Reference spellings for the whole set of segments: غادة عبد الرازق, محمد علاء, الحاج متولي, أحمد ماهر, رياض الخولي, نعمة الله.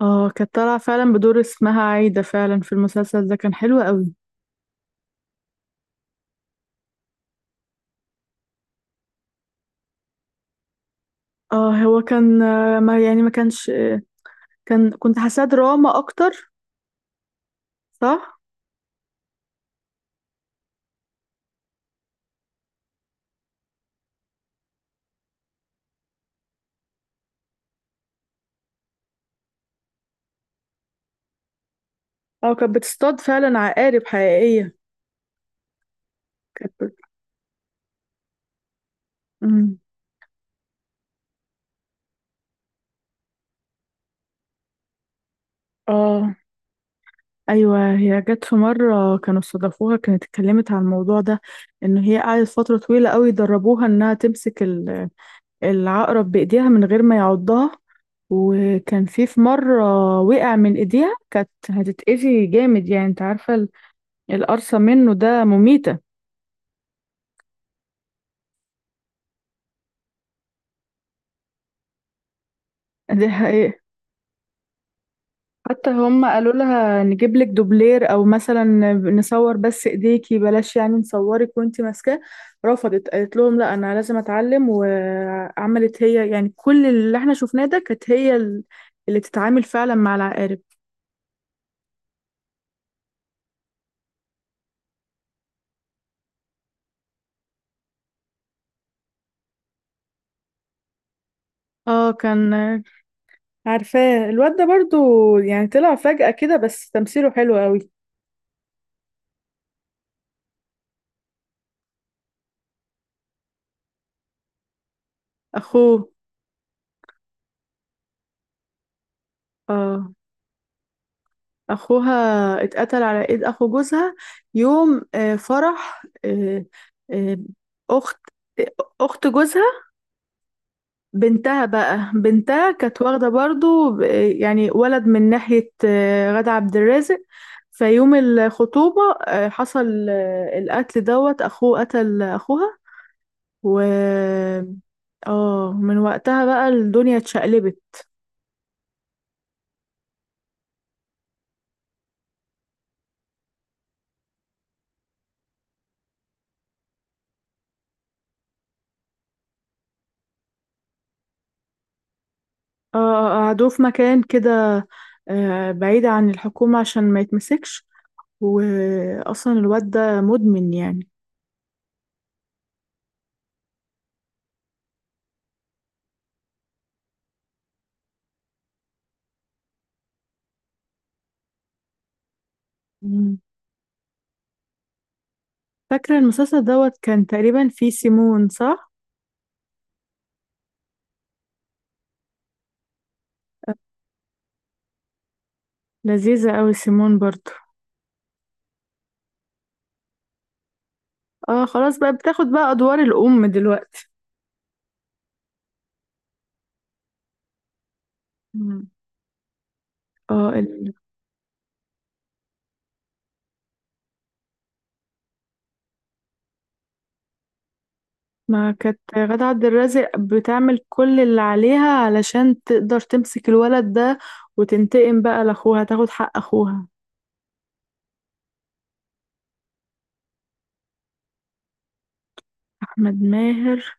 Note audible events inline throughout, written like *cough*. اه، كانت طالعة فعلا بدور اسمها عايدة فعلا في المسلسل ده، كان حلو قوي. اه هو كان، ما يعني ما كانش. كنت حاساه دراما اكتر. صح. اه، كانت بتصطاد فعلا عقارب حقيقية. كانت بت- مم. اه ايوه، هي جت في مرة كانوا استضافوها، كانت اتكلمت عن الموضوع ده، ان هي قعدت فترة طويلة قوي دربوها انها تمسك العقرب بايديها من غير ما يعضها. وكان في مرة وقع من ايديها، كانت هتتأذي جامد يعني، انت عارفة القرصة منه ده مميتة. *laughs* دي حقيقة. حتى هم قالوا لها نجيب لك دوبلير، او مثلا نصور بس ايديكي بلاش يعني، نصورك وانتي ماسكاه. رفضت، قالت لهم لا انا لازم اتعلم، وعملت هي يعني كل اللي احنا شفناه ده، كانت هي اللي تتعامل فعلا مع العقارب. اه كان. عارفاه الواد ده برضو، يعني طلع فجأة كده بس تمثيله حلو قوي. اخوه اه اخوها اتقتل على ايد اخو جوزها يوم فرح. آه، اخت اخت جوزها، بنتها كانت واخده برضو يعني ولد من ناحيه غادة عبد الرازق. فيوم الخطوبه حصل القتل، دوت اخوه قتل اخوها و اه من وقتها بقى الدنيا اتشقلبت. اه قعدوه في مكان كده بعيد عن الحكومة عشان ما يتمسكش، واصلا الواد ده مدمن يعني. مم. فاكرة المسلسل دوت كان تقريبا فيه سيمون، صح؟ لذيذة قوي سيمون برضو. اه خلاص بقى بتاخد بقى ادوار الام دلوقتي. مم. اه ما كانت غادة عبد الرازق بتعمل كل اللي عليها علشان تقدر تمسك الولد ده وتنتقم بقى لاخوها، تاخد حق اخوها. احمد ماهر؟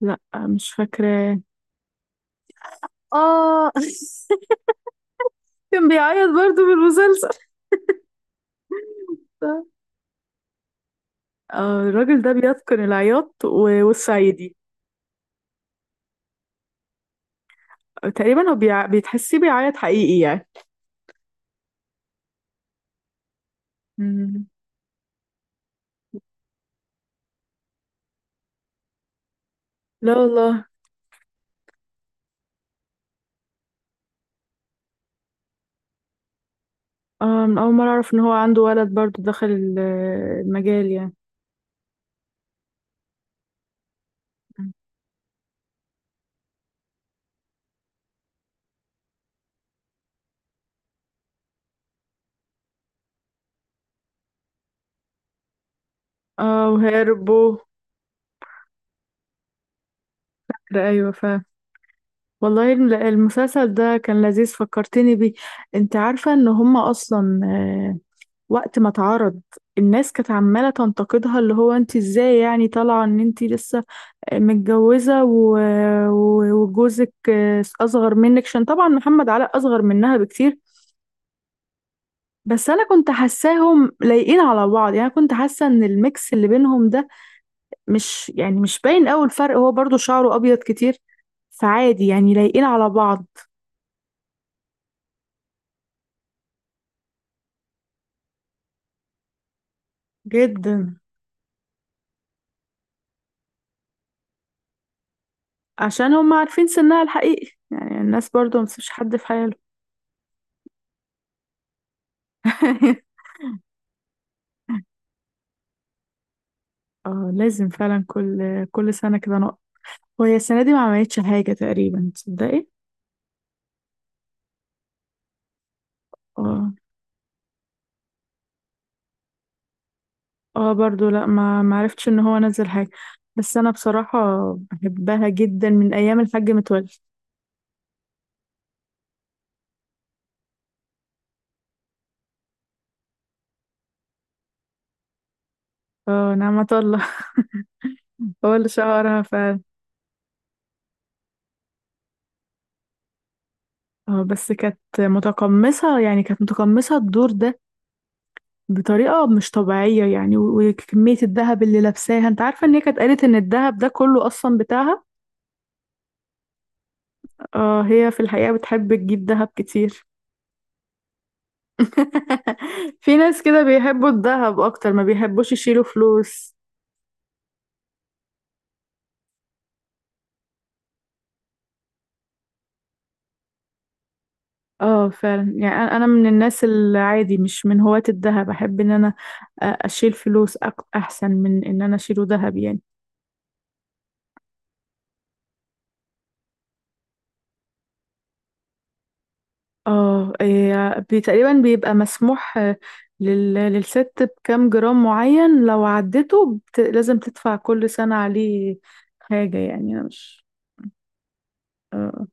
لا مش فاكراه. اه *laughs* كان بيعيط برضو في المسلسل. آه، الراجل ده بيتقن العياط والصعيدي. تقريبا هو بيتحسيه بيعيط حقيقي يعني. مم. لا والله. أول مرة أعرف إن هو عنده ولد برضه دخل المجال يعني. مم. اه وهربوا. لا أيوة والله المسلسل ده كان لذيذ، فكرتني بيه. أنت عارفة إن هما أصلا وقت ما اتعرض الناس كانت عمالة تنتقدها، اللي هو أنت إزاي يعني طالعة إن أنت لسه متجوزة، وجوزك أصغر منك؟ عشان طبعا محمد علاء أصغر منها بكتير. بس أنا كنت حاساهم لايقين على بعض يعني، كنت حاسة إن الميكس اللي بينهم ده مش باين أوي الفرق، هو برضو شعره أبيض كتير، فعادي يعني لايقين على بعض. جدا. عشان هم عارفين سنها الحقيقي يعني، الناس برضو ما تسيبش حد في حاله. *laughs* اه لازم فعلا كل سنة كده نقط. وهي السنة دي ما عملتش حاجة تقريبا، تصدقي؟ اه. اه برضو، لا ما معرفتش ان هو نزل حاجة. بس انا بصراحة بحبها جدا من ايام الحاج متولي. اه نعمة الله. *laughs* هو اللي شهرها فعلا. اه بس كانت متقمصة الدور ده بطريقة مش طبيعية يعني. وكمية الذهب اللي لابساها، انت عارفة ان هي كانت قالت ان الذهب ده كله اصلا بتاعها. اه هي في الحقيقة بتحب تجيب ذهب كتير. *laughs* في ناس كده بيحبوا الذهب اكتر ما بيحبوش يشيلوا فلوس. اه فعلا يعني أنا من الناس العادي، مش من هواة الذهب، احب ان انا اشيل فلوس، احسن من ان انا اشيله ذهب يعني. اه إيه، تقريبا بيبقى مسموح آه، للست بكام جرام معين، لو عدته، لازم تدفع كل سنة عليه حاجة يعني. انا مش. اه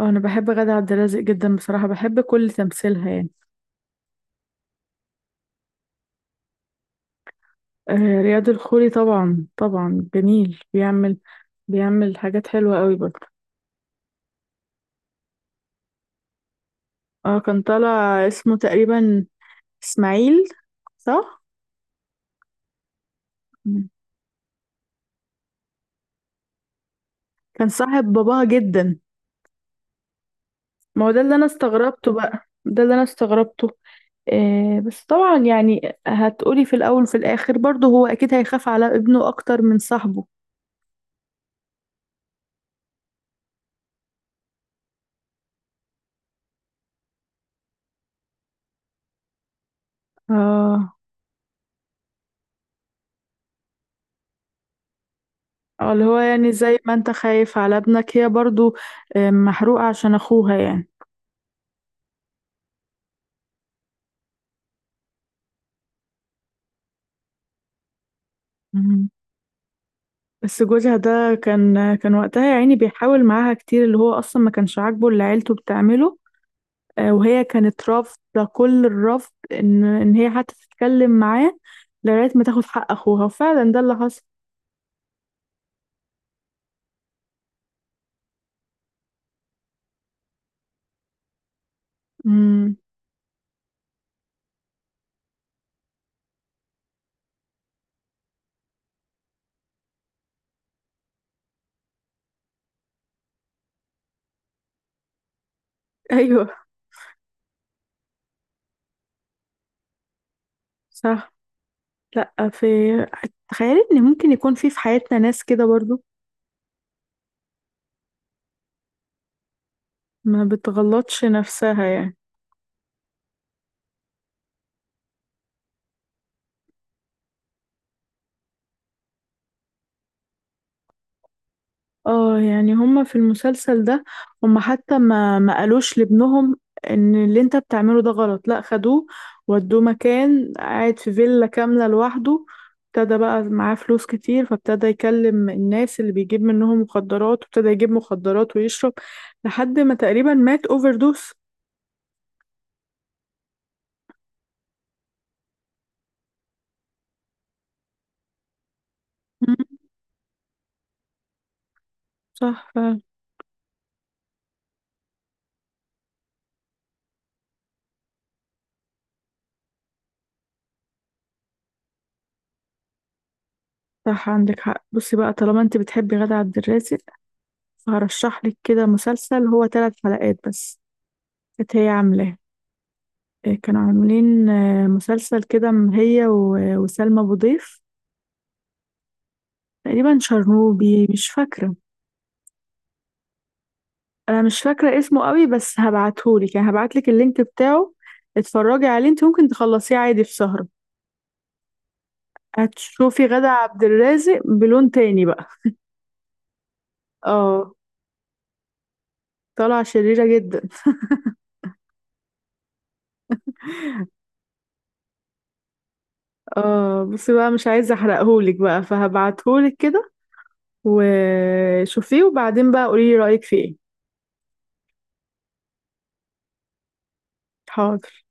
انا بحب غادة عبد الرازق جدا بصراحة، بحب كل تمثيلها يعني. رياض الخولي طبعا طبعا، جميل. بيعمل بيعمل حاجات حلوة قوي برضه. اه كان طالع. اسمه تقريبا اسماعيل، صح؟ مم. كان صاحب باباها جدا. ما هو ده اللي انا استغربته بقى، ده اللي انا استغربته. بس طبعا يعني هتقولي في الاول وفي الاخر برضه هو اكيد هيخاف على ابنه اكتر من صاحبه. اه اللي هو يعني زي ما انت خايف على ابنك، هي برضه محروقة عشان اخوها يعني. مم. بس جوزها ده كان وقتها يا عيني بيحاول معاها كتير، اللي هو اصلا ما كانش عاجبه اللي عيلته بتعمله. وهي كانت رافضة كل الرفض إن هي حتى تتكلم معاه، لغاية ما تاخد حق أخوها، وفعلا ده اللي حصل. امم أيوه، صح. لأ، تخيلي إن ممكن يكون في حياتنا ناس كده برضو، ما بتغلطش نفسها يعني. اه يعني هما في المسلسل ده هما حتى ما قالوش لابنهم ان اللي انت بتعمله ده غلط، لا، خدوه ودوه مكان قاعد في فيلا كاملة لوحده. ابتدى بقى معاه فلوس كتير، فابتدى يكلم الناس اللي بيجيب منهم مخدرات، وابتدى يجيب مخدرات ويشرب لحد ما تقريبا مات اوفر دوس. مم، صح فعلا. صح، عندك حق. بصي بقى، طالما انت بتحبي غادة عبد الرازق، فهرشح لك كده مسلسل، هو 3 حلقات بس. كانت هي عاملاه. كانوا عاملين مسلسل كده، هي وسلمى أبو ضيف، تقريبا شرنوبي، مش فاكرة. أنا مش فاكرة اسمه قوي، بس هبعتهولك يعني، هبعتلك اللينك بتاعه. اتفرجي عليه، انت ممكن تخلصيه عادي في سهرة. هتشوفي غادة عبد الرازق بلون تاني بقى. اه، طالعة شريرة جدا. اه بصي بقى، مش عايزة احرقهولك بقى، فهبعتهولك كده، وشوفيه، وبعدين بقى قوليلي رأيك فيه ايه. حاضر.